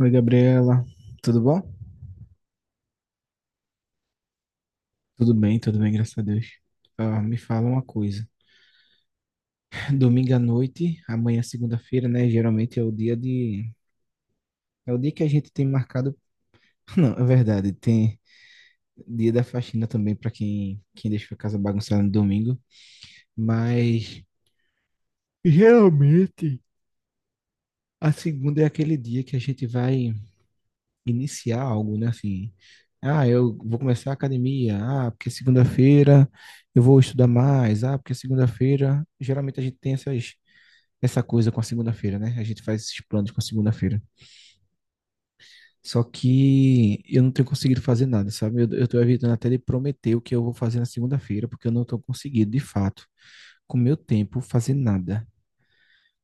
Oi, Gabriela. Tudo bom? Tudo bem, graças a Deus. Ah, me fala uma coisa. Domingo à noite, amanhã segunda-feira, né? Geralmente é o dia de. É o dia que a gente tem marcado. Não, é verdade. Tem dia da faxina também para quem deixa a casa bagunçada no domingo. Mas geralmente a segunda é aquele dia que a gente vai iniciar algo, né? Assim, ah, eu vou começar a academia, ah, porque segunda-feira eu vou estudar mais, ah, porque segunda-feira, geralmente a gente tem essa coisa com a segunda-feira, né? A gente faz esses planos com a segunda-feira. Só que eu não tenho conseguido fazer nada, sabe? Eu tô evitando até de prometer o que eu vou fazer na segunda-feira, porque eu não tô conseguindo, de fato, com o meu tempo, fazer nada.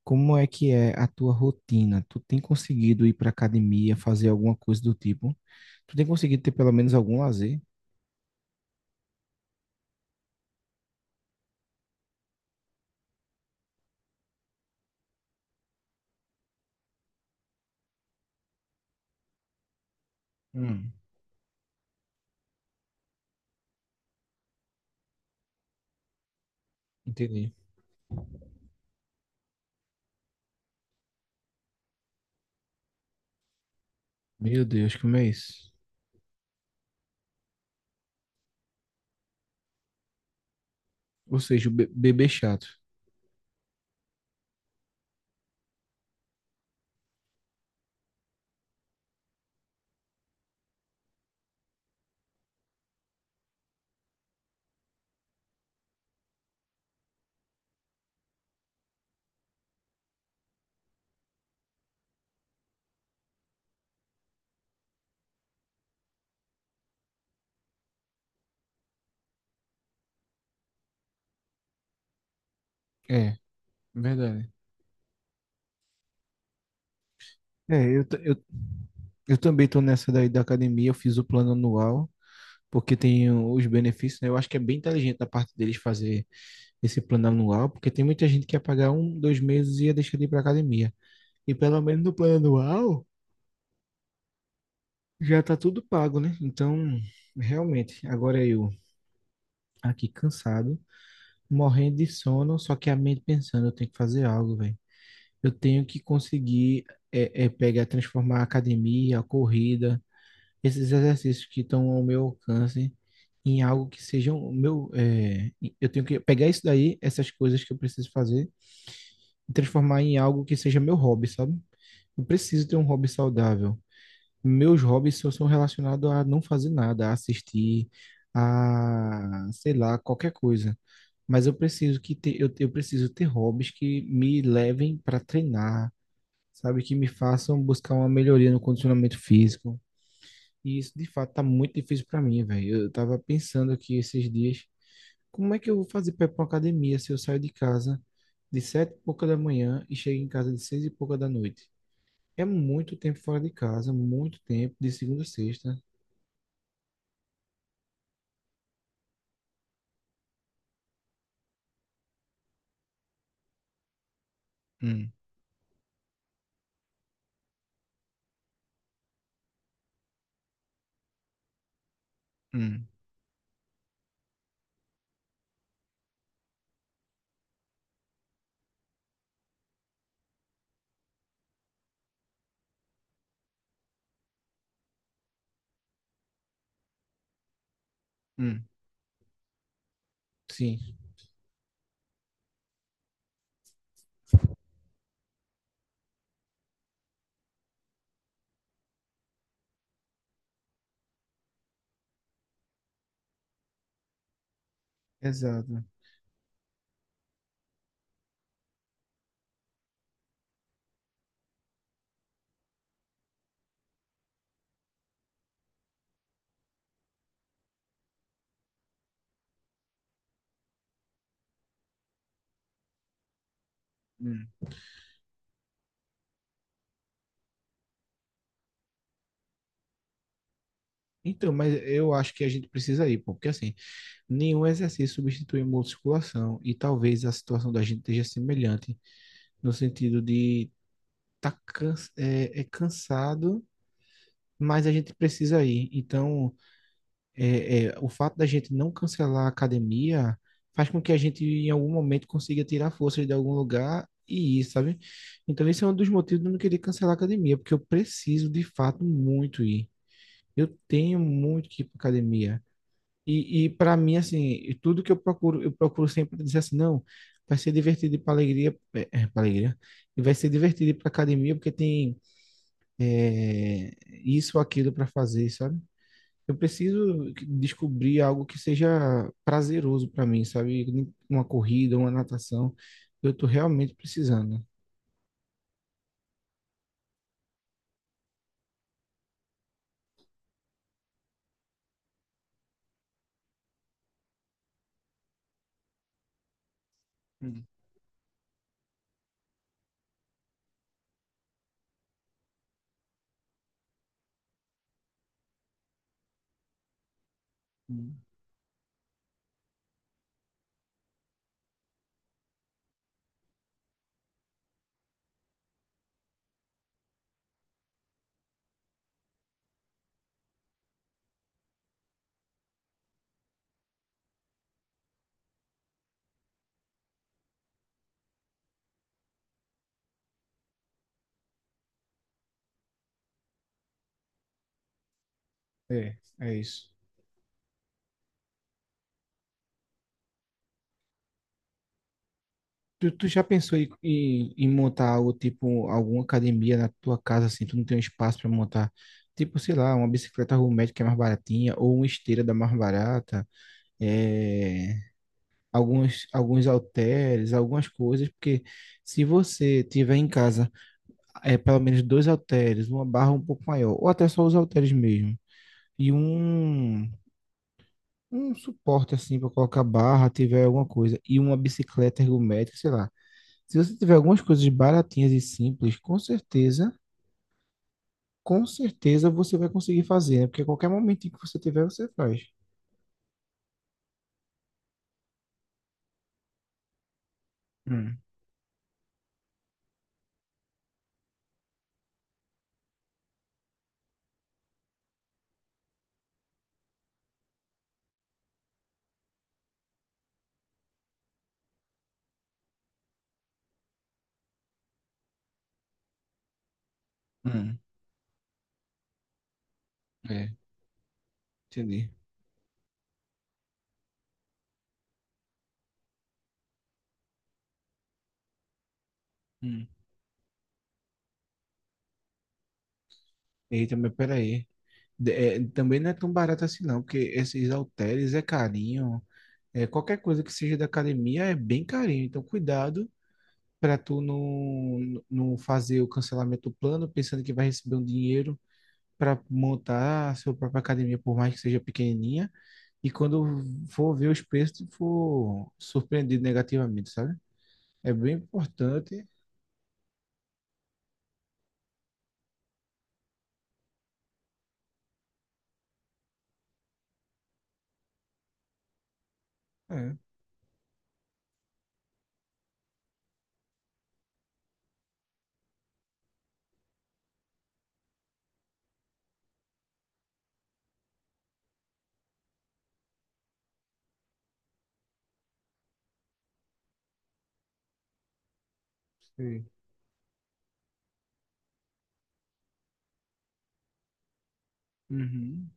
Como é que é a tua rotina? Tu tem conseguido ir para academia, fazer alguma coisa do tipo? Tu tem conseguido ter pelo menos algum lazer? Hum, entendi. Meu Deus, como é isso? Ou seja, o bebê chato. É, verdade. É, eu também tô nessa daí da academia, eu fiz o plano anual, porque tem os benefícios, né? Eu acho que é bem inteligente da parte deles fazer esse plano anual, porque tem muita gente que ia pagar um, dois meses e ia deixar de ir pra academia. E pelo menos no plano anual já tá tudo pago, né? Então, realmente, agora eu aqui cansado, morrendo de sono, só que a mente pensando, eu tenho que fazer algo, velho. Eu tenho que conseguir pegar, transformar a academia, a corrida, esses exercícios que estão ao meu alcance em algo que sejam o meu. Eu tenho que pegar isso daí, essas coisas que eu preciso fazer, e transformar em algo que seja meu hobby, sabe? Eu preciso ter um hobby saudável. Meus hobbies só são relacionados a não fazer nada, a assistir, a, sei lá, qualquer coisa. Mas eu preciso eu preciso ter hobbies que me levem para treinar sabe, que me façam buscar uma melhoria no condicionamento físico. E isso, de fato, tá muito difícil para mim, velho. Eu tava pensando aqui esses dias, como é que eu vou fazer para ir pra uma academia se eu saio de casa de sete e pouca da manhã e chego em casa de seis e pouca da noite? É muito tempo fora de casa, muito tempo, de segunda a sexta. Hum, hum, hum. Sim, exato. Hum. Então, mas eu acho que a gente precisa ir, pô, porque assim, nenhum exercício substitui a musculação e talvez a situação da gente esteja semelhante no sentido de tá cansado, mas a gente precisa ir. Então, o fato da gente não cancelar a academia faz com que a gente, em algum momento, consiga tirar forças de algum lugar e ir, sabe? Então, esse é um dos motivos de eu não querer cancelar a academia, porque eu preciso, de fato, muito ir. Eu tenho muito que ir para academia. E para mim, assim, e tudo que eu procuro sempre dizer assim, não, vai ser divertido para alegria, para alegria, e vai ser divertido ir para academia porque tem é, isso ou aquilo para fazer, sabe? Eu preciso descobrir algo que seja prazeroso para mim, sabe? Uma corrida, uma natação, eu tô realmente precisando. Hum, hum. É, é isso. Tu já pensou em, em montar algo tipo alguma academia na tua casa assim, tu não tem um espaço para montar, tipo, sei lá, uma bicicleta ergométrica que é mais baratinha ou uma esteira da mais barata, é, alguns halteres, algumas coisas, porque se você tiver em casa é pelo menos dois halteres, uma barra um pouco maior, ou até só os halteres mesmo, e um suporte assim para colocar barra, tiver alguma coisa, e uma bicicleta ergométrica, sei lá. Se você tiver algumas coisas baratinhas e simples, com certeza você vai conseguir fazer, né? Porque a qualquer momento que você tiver, você faz. Hum, hum, é, entendi. Hum. Eita, mas peraí. Também não é tão barato assim, não, porque esses halteres é carinho. É, qualquer coisa que seja da academia é bem carinho. Então, cuidado para tu não fazer o cancelamento do plano, pensando que vai receber um dinheiro para montar a sua própria academia, por mais que seja pequenininha. E quando for ver os preços, for surpreendido negativamente, sabe? É bem importante. É, sei. Uhum.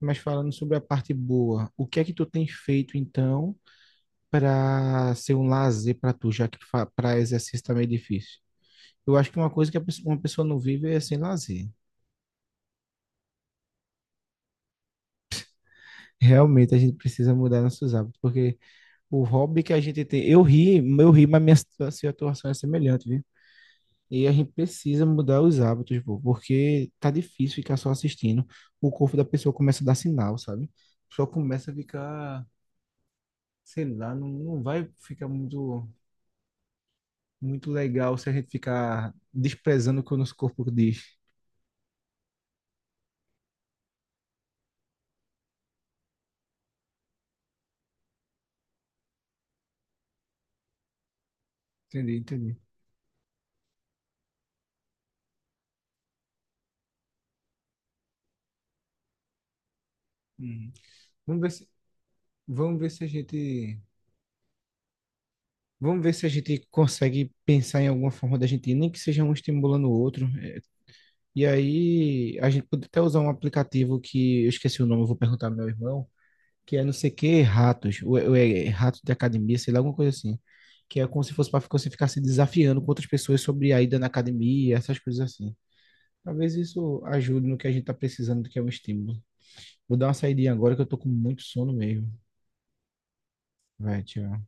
Mas falando sobre a parte boa, o que é que tu tem feito então para ser um lazer para tu, já que para exercício tá meio difícil? Eu acho que uma coisa que uma pessoa não vive é sem lazer. Realmente a gente precisa mudar nossos hábitos, porque o hobby que a gente tem, eu ri, mas minha situação é semelhante. E a gente precisa mudar os hábitos, pô, porque tá difícil ficar só assistindo. O corpo da pessoa começa a dar sinal, sabe? Só começa a ficar, sei lá, não vai ficar muito, muito legal se a gente ficar desprezando o que o nosso corpo diz. Entendi, entendi. Uhum. Vamos ver se, vamos ver se a gente, Vamos ver se a gente consegue pensar em alguma forma da gente ir, nem que seja um estimulando o outro. É, e aí a gente pode até usar um aplicativo que eu esqueci o nome, eu vou perguntar ao meu irmão que é não sei o que, ratos, ou é rato de academia, sei lá, alguma coisa assim. Que é como se fosse para você ficar se desafiando com outras pessoas sobre a ida na academia, essas coisas assim. Talvez isso ajude no que a gente tá precisando, que é um estímulo. Vou dar uma saidinha agora que eu tô com muito sono mesmo. Vai, tchau.